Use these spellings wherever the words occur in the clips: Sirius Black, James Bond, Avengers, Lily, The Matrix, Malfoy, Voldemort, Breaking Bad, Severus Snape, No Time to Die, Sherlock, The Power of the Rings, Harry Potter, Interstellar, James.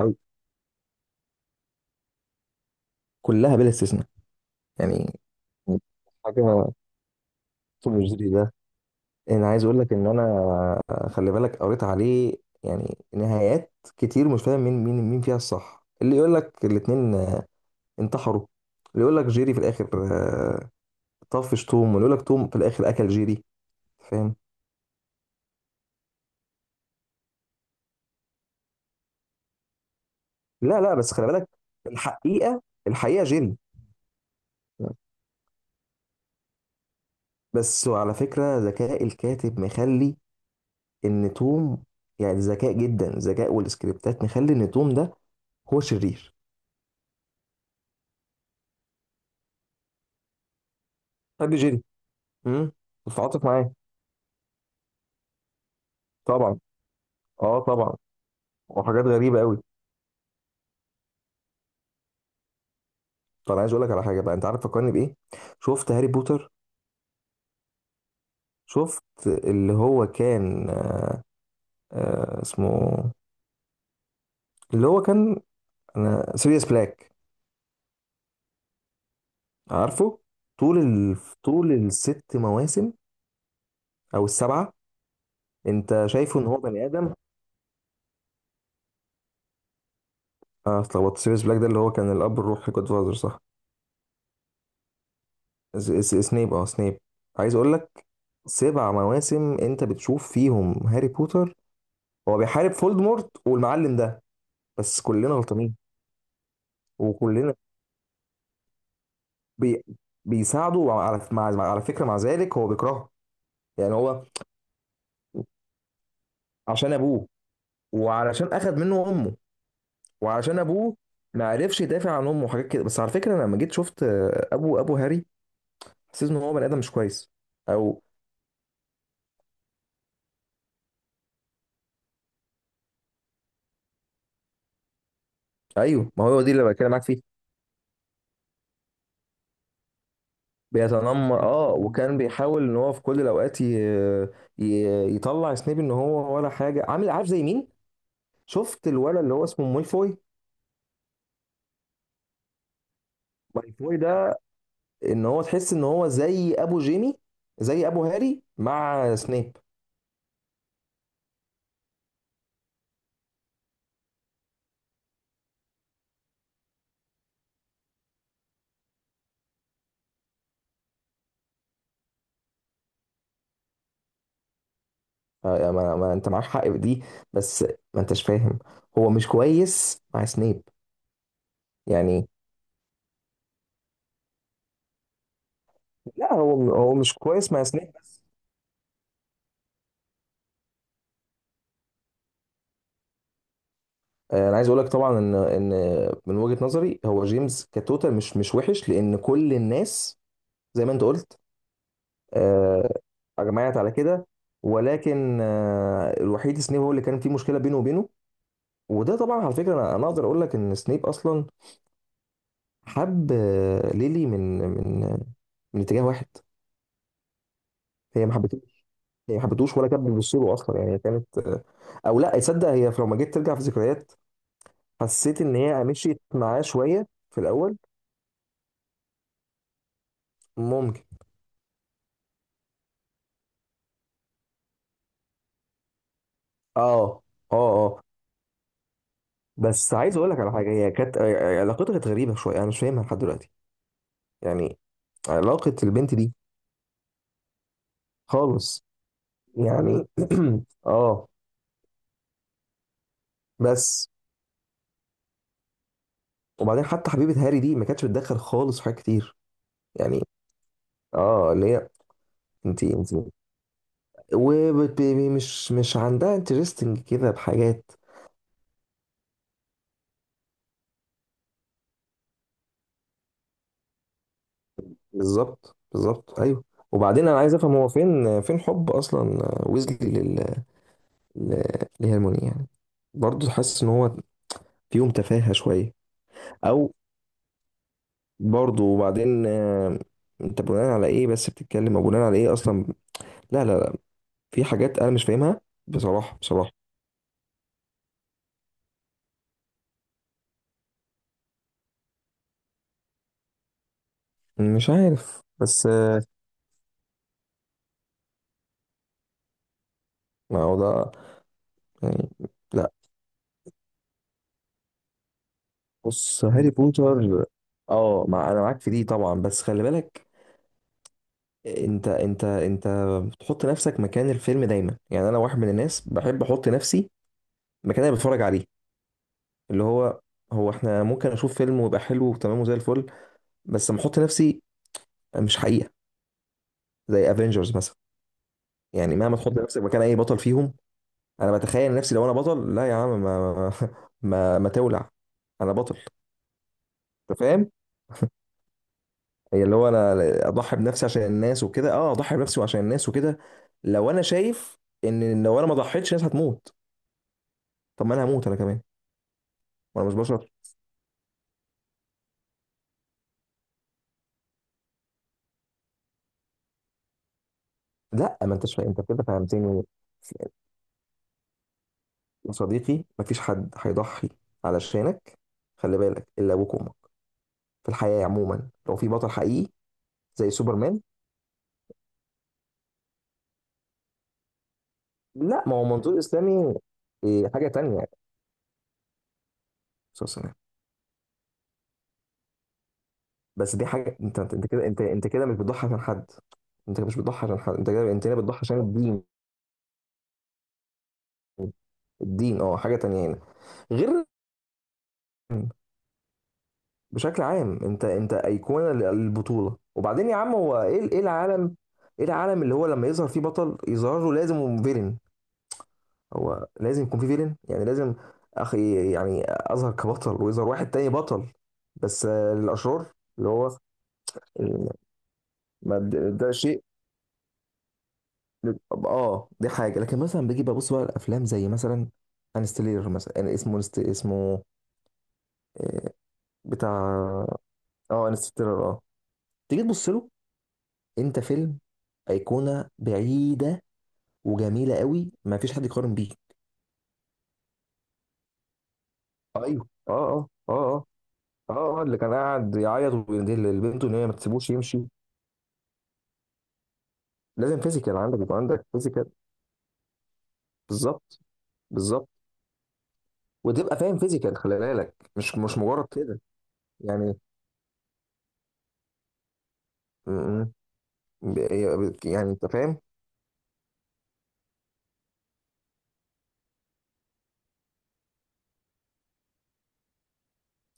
أو كلها بلا استثناء، يعني حاجه سوبر جيري ده. انا عايز اقول لك ان انا، خلي بالك، قريت عليه يعني نهايات كتير، مش فاهم مين فيها الصح. اللي يقول لك الاتنين انتحروا، اللي يقول لك جيري في الاخر طفش توم، واللي يقول لك توم في الاخر اكل جيري. فاهم؟ لا لا، بس خلي بالك، الحقيقه الحقيقه، جيري. بس وعلى فكرة ذكاء الكاتب مخلي إن توم، يعني ذكاء جدا ذكاء، والسكريبتات مخلي إن توم ده هو شرير. بحب جيري. امم بتتعاطف معاه. طبعا، اه، طبعا، وحاجات غريبه قوي. طب انا عايز اقول لك على حاجه بقى، انت عارف فكرني بايه؟ شفت هاري بوتر؟ شفت اللي هو كان، اسمه، اللي هو كان، انا سيريوس بلاك، عارفه؟ طول ال... طول الست مواسم او السبعه، انت شايفه ان هو بني ادم. اه اتلخبطت، سيريوس بلاك ده اللي هو كان الاب الروحي جود فازر، صح؟ سنيب. عايز اقول لك، سبع مواسم انت بتشوف فيهم هاري بوتر، هو بيحارب فولدمورت والمعلم ده. بس كلنا غلطانين. وكلنا بي بيساعده على على فكره، مع ذلك هو بيكرهه، يعني هو عشان ابوه، وعلشان اخذ منه امه، وعشان ابوه ما عرفش يدافع عن امه وحاجات كده. بس على فكره، انا لما جيت شفت، ابو هاري، حسيت ان هو بني ادم مش كويس، او... ايوه ما هو دي اللي بتكلم معاك فيها. بيتنمر، اه، وكان بيحاول ان هو في كل الاوقات ي... يطلع سنيب ان هو ولا حاجه، عامل عارف زي مين؟ شفت الولد اللي هو اسمه مالفوي ده ان هو تحس ان هو زي ابو جيمي، زي ابو هاري مع سنيب. ما انت معاك حق في دي، بس ما انتش فاهم، هو مش كويس مع سنيب. يعني لا هو مش كويس مع سنيب بس. انا عايز اقول لك طبعا ان من وجهة نظري هو جيمس كتوتال مش وحش، لان كل الناس زي ما انت قلت، آه، اجمعت على كده. ولكن الوحيد سنيب هو اللي كان فيه مشكله بينه وبينه. وده طبعا على فكره، انا اقدر اقول لك ان سنيب اصلا حب، ليلي، من اتجاه واحد. هي ما حبتوش، هي ما حبتوش ولا كانت بتبص له اصلا، يعني هي كانت، او لا، تصدق، هي لو ما جيت ترجع في ذكريات، حسيت ان هي مشيت معاه شويه في الاول. ممكن. اه، اه، اه. بس عايز اقول لك على حاجه، هي كانت، علاقتها كانت غريبه شويه، انا مش فاهمها لحد دلوقتي، يعني علاقة البنت دي خالص، يعني اه، بس. وبعدين حتى حبيبة هاري دي ما كانتش بتدخل خالص في حاجات كتير، يعني، اه، اللي هي انت ومش مش عندها انترستنج كده بحاجات. بالظبط، بالظبط، ايوه. وبعدين انا عايز افهم هو فين حب اصلا، ويزلي لهرموني، يعني برضه حاسس ان هو فيهم تفاهة شوية. او برضه، وبعدين، انت بناء على ايه بس بتتكلم، او بناء على ايه اصلا؟ لا لا، في حاجات انا مش فاهمها. بصراحه، بصراحه مش عارف، بس ما هو ده، يعني لا. بص، هاري بوتر، اه، مع انا معاك في دي طبعا، بس خلي بالك، انت بتحط نفسك مكان الفيلم دايما، يعني انا واحد من الناس بحب احط نفسي مكان اللي بتفرج عليه، اللي هو احنا ممكن اشوف فيلم ويبقى حلو وتمام وزي الفل، بس لما احط نفسي، مش حقيقه، زي افنجرز مثلا، يعني مهما تحط نفسك مكان اي بطل فيهم، انا بتخيل نفسي لو انا بطل، لا يا عم، ما ما ما تولع! انا بطل؟ انت فاهم؟ هي اللي هو انا اضحي بنفسي عشان الناس وكده، اه، اضحي بنفسي وعشان الناس وكده، لو انا شايف ان لو انا ما ضحيتش الناس هتموت، طب ما انا هموت انا كمان، وانا مش بشر. لا، ما انتش فاهم، انت كده فهمتني يا صديقي. ما فيش حد هيضحي علشانك، خلي بالك، الا ابوك وامك. في الحياه عموما لو في بطل حقيقي زي سوبرمان. لا ما هو منظور اسلامي، إيه، حاجه تانية. بس دي حاجه، انت كده، انت كده مش بتضحي عشان حد، انت مش بتضحي عشان حد، انت كده، انت كده بتضحي عشان الدين. الدين، اه، حاجه تانية هنا، غير. بشكل عام انت ايقونه للبطوله. وبعدين يا عم هو ايه ايه العالم، ايه العالم اللي هو لما يظهر فيه بطل يظهر له لازم فيلن. هو لازم يكون فيه فيلن، يعني لازم، اخي يعني اظهر كبطل ويظهر واحد تاني بطل، بس للاشرار. اللي هو ال- ما ده شيء اه، دي حاجه. لكن مثلا بيجي ببص بقى الافلام زي مثلا انستيلر مثلا، يعني اسمه اسمه بتاع، اه، انستيلر، اه. تيجي تبص له، انت فيلم، ايقونه بعيده وجميله قوي، ما فيش حد يقارن بيه. ايوه، اه، اه، اه، اه، اه، اه، اللي كان قاعد يعيط ويندل لبنته ان هي ما تسيبوش يمشي. لازم فيزيكال عندك، يبقى عندك فيزيكال، بالظبط، بالظبط، وتبقى فاهم فيزيكال، خلي بالك مش مجرد كده، يعني م- م- يعني انت فاهم.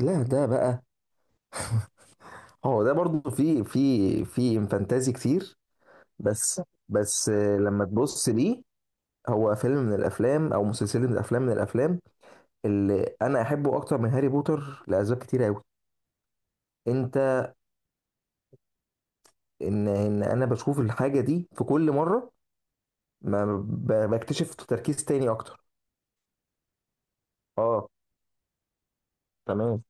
لا ده بقى، هو ده برضو في فانتازي كتير. بس بس لما تبص ليه، هو فيلم من الافلام او مسلسل من الافلام اللي انا احبه اكتر من هاري بوتر لاسباب كتير قوي. انت ان انا بشوف الحاجه دي في كل مره ما بكتشف تركيز تاني اكتر. اه، تمام.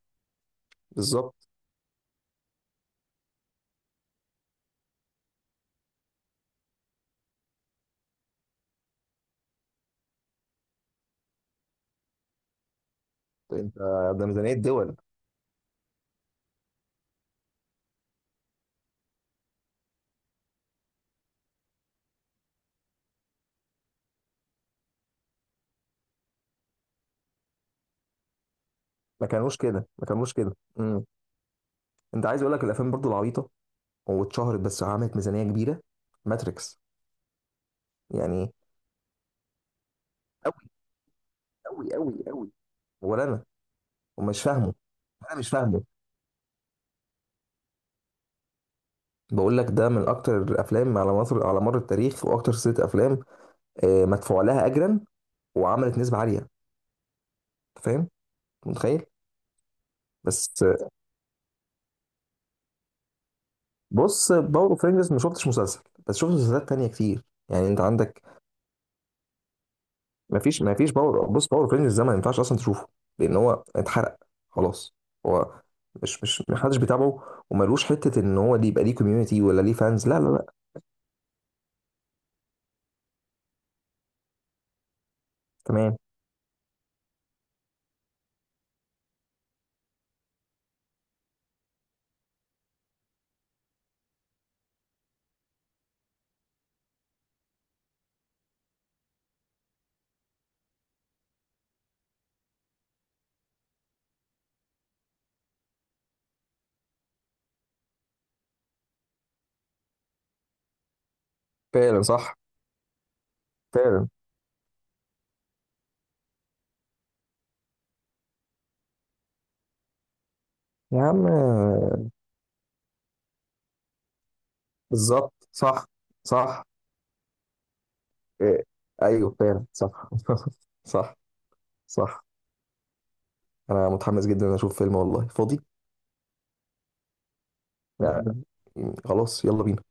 بالظبط، انت ده ميزانيه دول. ما كانوش كده، ما كانوش كده. انت عايز اقول لك الافلام برضو العبيطه واتشهرت، بس عملت ميزانيه كبيره، ماتريكس، يعني، قوي قوي قوي. ولا انا ومش فاهمه، انا مش فاهمه. بقول لك ده من اكتر الافلام على مصر على مر التاريخ، واكتر سلسله افلام مدفوع لها اجرا، وعملت نسبه عاليه، أنت فاهم، متخيل؟ بس بص، باور اوف رينجز ما شفتش مسلسل، بس شفت مسلسلات تانية كتير يعني، انت عندك. ما فيش بص، باور اوف رينجز ده ما ينفعش اصلا تشوفه، لان هو اتحرق خلاص. هو مش محدش بيتابعه وملوش حته ان هو دي، يبقى ليه كوميونتي ولا ليه فانز؟ لا لا لا. تمام. فعلا صح، فعلا. يا عم، بالظبط، صح، صح، إيه. ايوه فعلا صح صح، صح. انا متحمس جدا اشوف فيلم والله، فاضي؟ لا خلاص، يلا بينا.